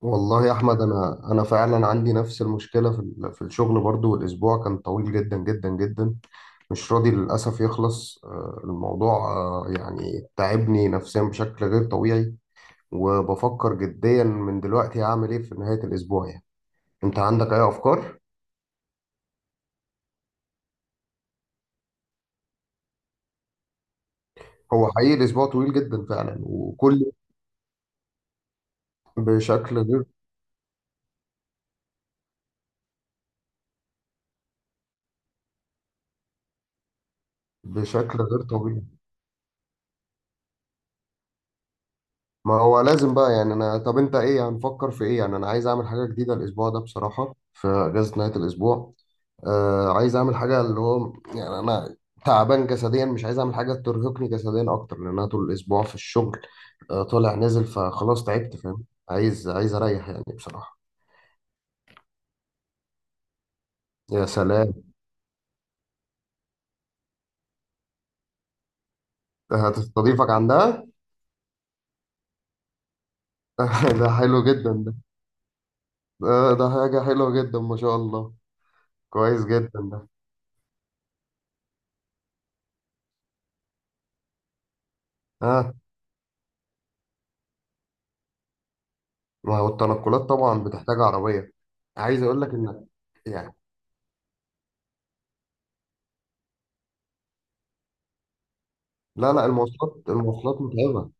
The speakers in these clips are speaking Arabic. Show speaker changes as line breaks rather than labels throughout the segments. والله يا احمد، انا فعلا عندي نفس المشكله في الشغل برضو، والاسبوع كان طويل جدا جدا جدا. مش راضي للاسف يخلص، الموضوع يعني تعبني نفسيا بشكل غير طبيعي. وبفكر جديا من دلوقتي هعمل ايه في نهايه الاسبوع. يعني انت عندك اي افكار؟ هو حقيقي الاسبوع طويل جدا فعلا وكل بشكل غير بشكل غير طبيعي. ما هو لازم بقى يعني. انا طب انت ايه هنفكر في ايه؟ يعني انا عايز اعمل حاجه جديده الاسبوع ده بصراحه، في اجازه نهايه الاسبوع. عايز اعمل حاجه اللي هو يعني انا تعبان جسديا، مش عايز اعمل حاجه ترهقني جسديا اكتر لان انا طول الاسبوع في الشغل. طالع نازل، فخلاص تعبت فاهم. عايز اريح يعني بصراحه. يا سلام، هتستضيفك عندها؟ ده حلو جدا ده. ده حاجه حلوه جدا ما شاء الله. كويس جدا ده. ها. ما هو التنقلات طبعا بتحتاج عربيه. عايز اقول لك انك يعني، لا لا، المواصلات متعبه.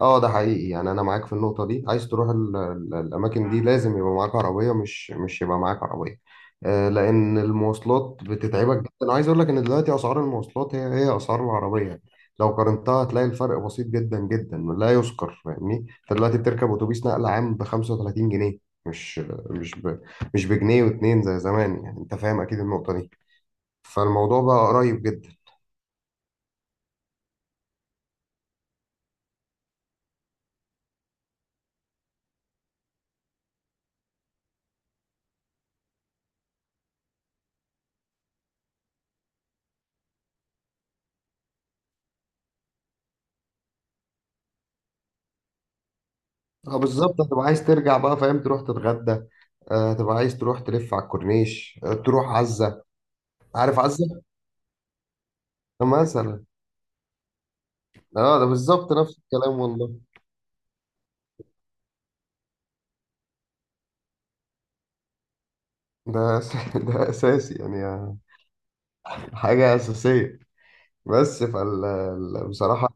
اه، ده حقيقي يعني. انا معاك في النقطه دي، عايز تروح الاماكن دي لازم يبقى معاك عربيه، مش يبقى معاك عربيه. لان المواصلات بتتعبك جدا. انا عايز اقول لك ان دلوقتي اسعار المواصلات هي اسعار العربيه يعني. لو قارنتها هتلاقي الفرق بسيط جدا جدا لا يذكر. فاهمني، انت دلوقتي بتركب اتوبيس نقل عام ب 35 جنيه، مش مش ب... مش بجنيه واتنين زي زمان، يعني انت فاهم اكيد النقطه دي. فالموضوع بقى قريب جدا. اه بالظبط، هتبقى عايز ترجع بقى فاهم، تروح تتغدى. هتبقى عايز تروح تلف على الكورنيش، تروح عزة. عارف عزة؟ مثلا. اه، ده بالظبط نفس الكلام والله. ده اساسي يعني، حاجة أساسية. بصراحة.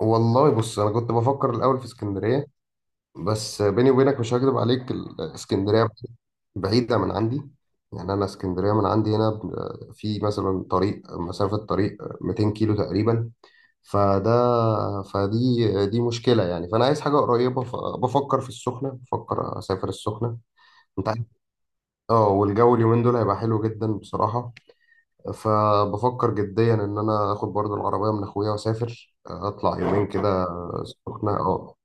والله بص، أنا كنت بفكر الأول في اسكندرية، بس بيني وبينك مش هكذب عليك، اسكندرية بعيدة من عندي. يعني أنا اسكندرية من عندي هنا في مثلا طريق، مسافة طريق 200 كيلو تقريبا. فده فدي دي مشكلة يعني. فأنا عايز حاجة قريبة، فبفكر في السخنة، بفكر أسافر السخنة. أنت عارف. أه، والجو اليومين دول هيبقى حلو جدا بصراحة. فبفكر جديا إن أنا آخد برضو العربية من أخويا وأسافر، أطلع يومين كده. السخنة أه.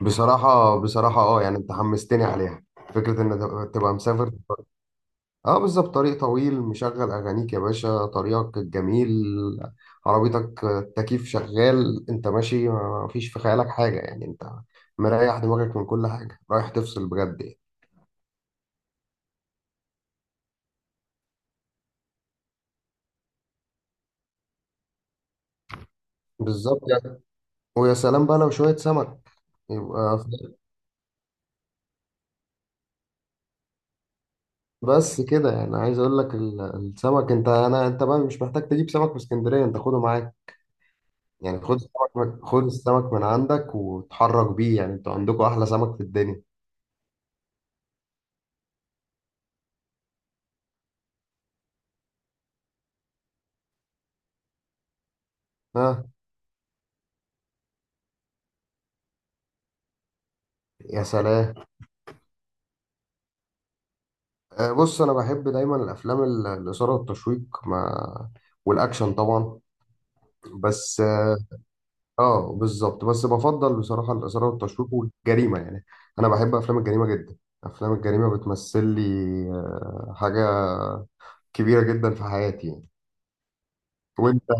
بصراحة بصراحة، أه يعني أنت حمستني عليها، فكرة إن تبقى مسافر. اه بالظبط، طريق طويل، مشغل اغانيك يا باشا، طريقك الجميل، عربيتك التكييف شغال، انت ماشي ما فيش في خيالك حاجه يعني، انت مريح دماغك من كل حاجه، رايح تفصل بجد يعني. بالظبط يعني. ويا سلام بقى لو شويه سمك، يبقى بس كده يعني. عايز اقول لك السمك، انت بقى مش محتاج تجيب سمك من اسكندريه، انت خده معاك. يعني خد السمك من عندك وتحرك بيه، يعني انتوا عندكم احلى سمك في الدنيا. ها، يا سلام. بص انا بحب دايما الافلام الاثاره والتشويق ما والاكشن طبعا. بس اه آه، بالظبط، بس بفضل بصراحه الاثاره والتشويق والجريمه يعني. انا بحب افلام الجريمه جدا. افلام الجريمه بتمثل لي حاجه كبيره جدا في حياتي يعني. وانت.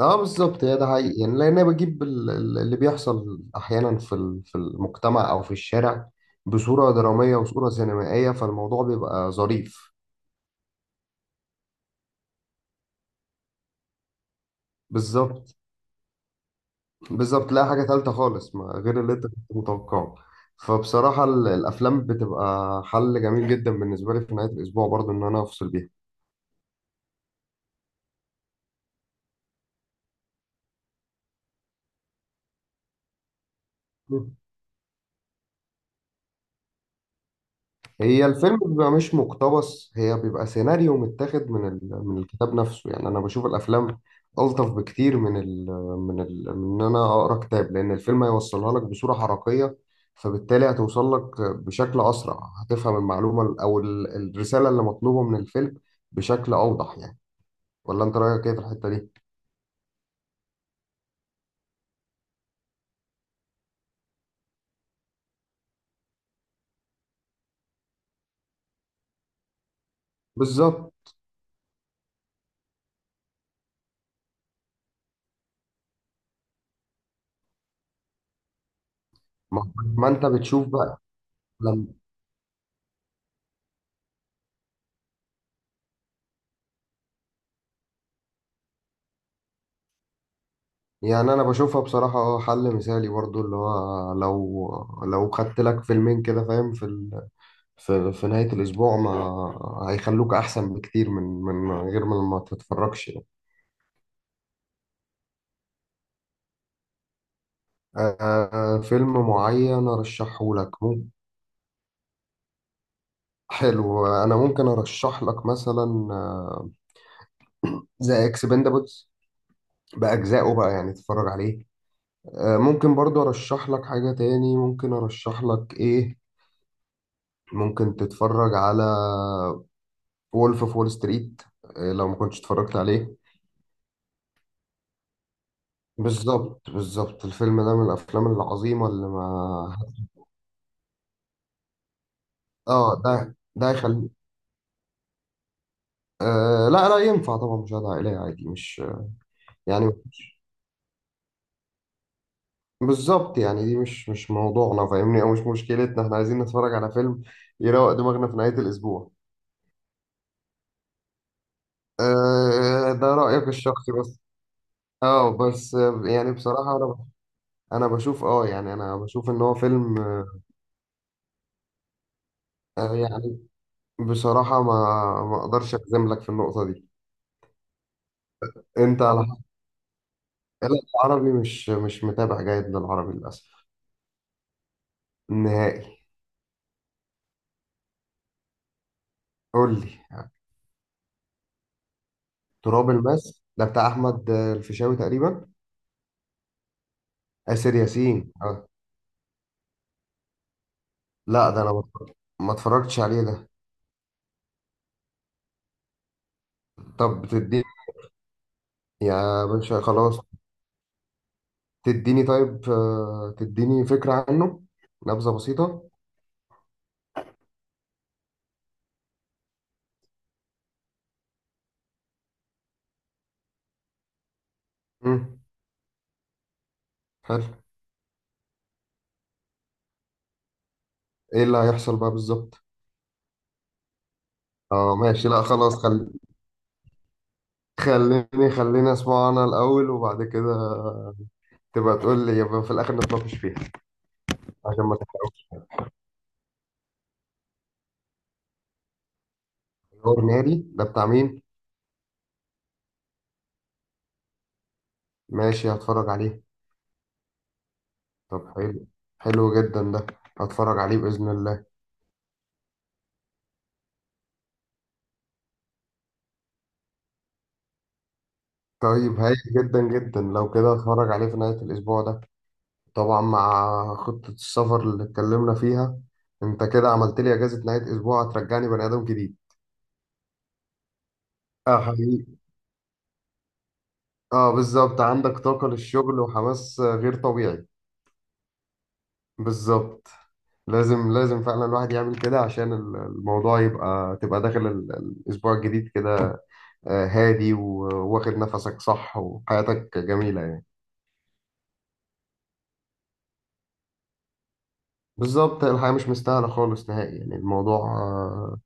اه بالظبط، هي ده حقيقي يعني. لان انا بجيب اللي بيحصل احيانا في المجتمع او في الشارع بصوره دراميه وصوره سينمائيه، فالموضوع بيبقى ظريف. بالظبط بالظبط، لا حاجة تالتة خالص ما غير اللي انت كنت متوقعه. فبصراحة الأفلام بتبقى حل جميل جدا بالنسبة لي في نهاية الأسبوع برضو إن أنا أفصل بيها. مم. هي الفيلم بيبقى مش مقتبس، هي بيبقى سيناريو متاخد من الكتاب نفسه. يعني أنا بشوف الأفلام ألطف بكتير من إن أنا أقرأ كتاب، لأن الفيلم هيوصلها لك بصورة حركية، فبالتالي هتوصل لك بشكل أسرع، هتفهم المعلومة أو الرسالة اللي مطلوبة من الفيلم بشكل أوضح يعني. ولا انت رايك ايه في الحته دي؟ بالظبط. ما انت بتشوف بقى لما. يعني انا بشوفها بصراحه، اه، حل مثالي برضو اللي هو، لو خدت لك فيلمين كده فاهم في ال... في في نهايه الاسبوع، ما هيخلوك احسن بكتير من غير ما تتفرجش يعني. فيلم معين ارشحه لك؟ حلو، انا ممكن ارشح لك مثلا ذا اكسبندبلز، باجزائه بقى يعني تتفرج عليه. ممكن برضو ارشح لك حاجة تاني. ممكن ارشح لك ايه ممكن تتفرج على وولف اوف وول ستريت، لو ما كنتش اتفرجت عليه. بالظبط بالظبط، الفيلم ده من الافلام العظيمة اللي ما. اه ده يخلي. لا لا، ينفع طبعا مشاهدة عائلية عادي، مش يعني. بالظبط يعني. دي مش موضوعنا فاهمني، او مش مشكلتنا. احنا عايزين نتفرج على فيلم يروق دماغنا في نهاية الاسبوع. ده رأيك الشخصي بس. اه بس يعني بصراحة، انا بشوف، اه يعني انا بشوف ان هو فيلم. آه، يعني بصراحة ما اقدرش اجزم لك في النقطة دي. انت على حق. لا، العربي مش متابع جيد للعربي للاسف، نهائي. قول لي. تراب الماس ده بتاع احمد الفيشاوي تقريبا؟ آسر ياسين لا، ده انا ما اتفرجتش عليه ده. طب بتديني؟ يا باشا خلاص. تديني طيب، تديني فكرة عنه، نبذة بسيطة. مم. حلو. ايه اللي هيحصل بقى بالظبط؟ اه ماشي، لا خلاص خليني خليني اسمعه انا الاول وبعد كده تبقى تقول لي، يبقى في الاخر نتناقش فيها عشان ما. تحور ناري ده بتاع مين؟ ماشي هتفرج عليه. طب حلو، حلو جدا ده، هتفرج عليه باذن الله. طيب هايل جدا جدا لو كده، هتفرج عليه في نهايه الاسبوع ده طبعا، مع خطه السفر اللي اتكلمنا فيها. انت كده عملت لي اجازه نهايه اسبوع هترجعني بني ادم جديد. اه حقيقي. اه بالظبط، عندك طاقه للشغل وحماس غير طبيعي. بالظبط. لازم لازم فعلا الواحد يعمل كده، عشان الموضوع تبقى داخل الأسبوع الجديد كده، هادي وواخد نفسك صح، وحياتك جميلة يعني. بالظبط. الحياة مش مستاهلة خالص نهائي يعني، الموضوع. آه،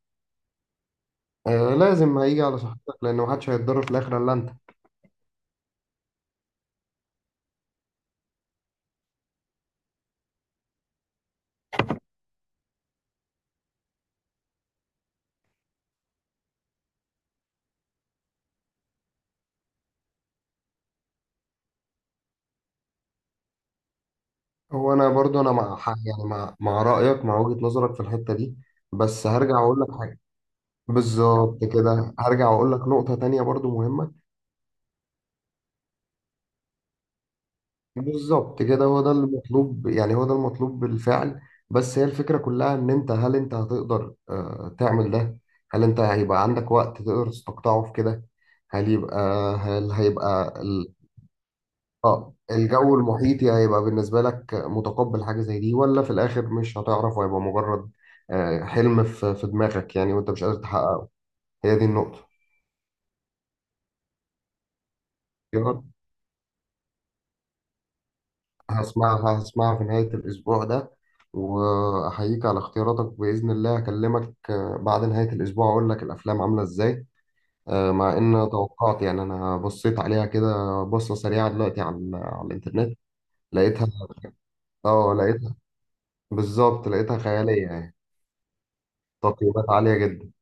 لازم هيجي على صحتك، لأن محدش هيتضرر في الآخر إلا أنت. هو أنا برضو، أنا مع حق يعني، مع رأيك، مع وجهة نظرك في الحتة دي. بس هرجع أقول لك حاجة. بالظبط كده. هرجع أقول لك نقطة تانية برضو مهمة. بالظبط كده، هو ده المطلوب يعني، هو ده المطلوب بالفعل. بس هي الفكرة كلها، ان انت هل انت هتقدر تعمل ده؟ هل انت هيبقى عندك وقت تقدر تستقطعه في كده؟ هل يبقى هل هيبقى اه، الجو المحيطي هيبقى بالنسبة لك متقبل حاجة زي دي، ولا في الاخر مش هتعرف وهيبقى مجرد حلم في دماغك يعني، وانت مش قادر تحققه. هي دي النقطة. هسمعها هسمعها في نهاية الأسبوع ده، وأحييك على اختياراتك بإذن الله. أكلمك بعد نهاية الأسبوع أقول لك الأفلام عاملة إزاي. مع إن توقعت، يعني أنا بصيت عليها كده، بصة سريعة دلوقتي على الإنترنت، لقيتها. أه لقيتها، بالظبط لقيتها خيالية يعني، تقييمات عالية جدا.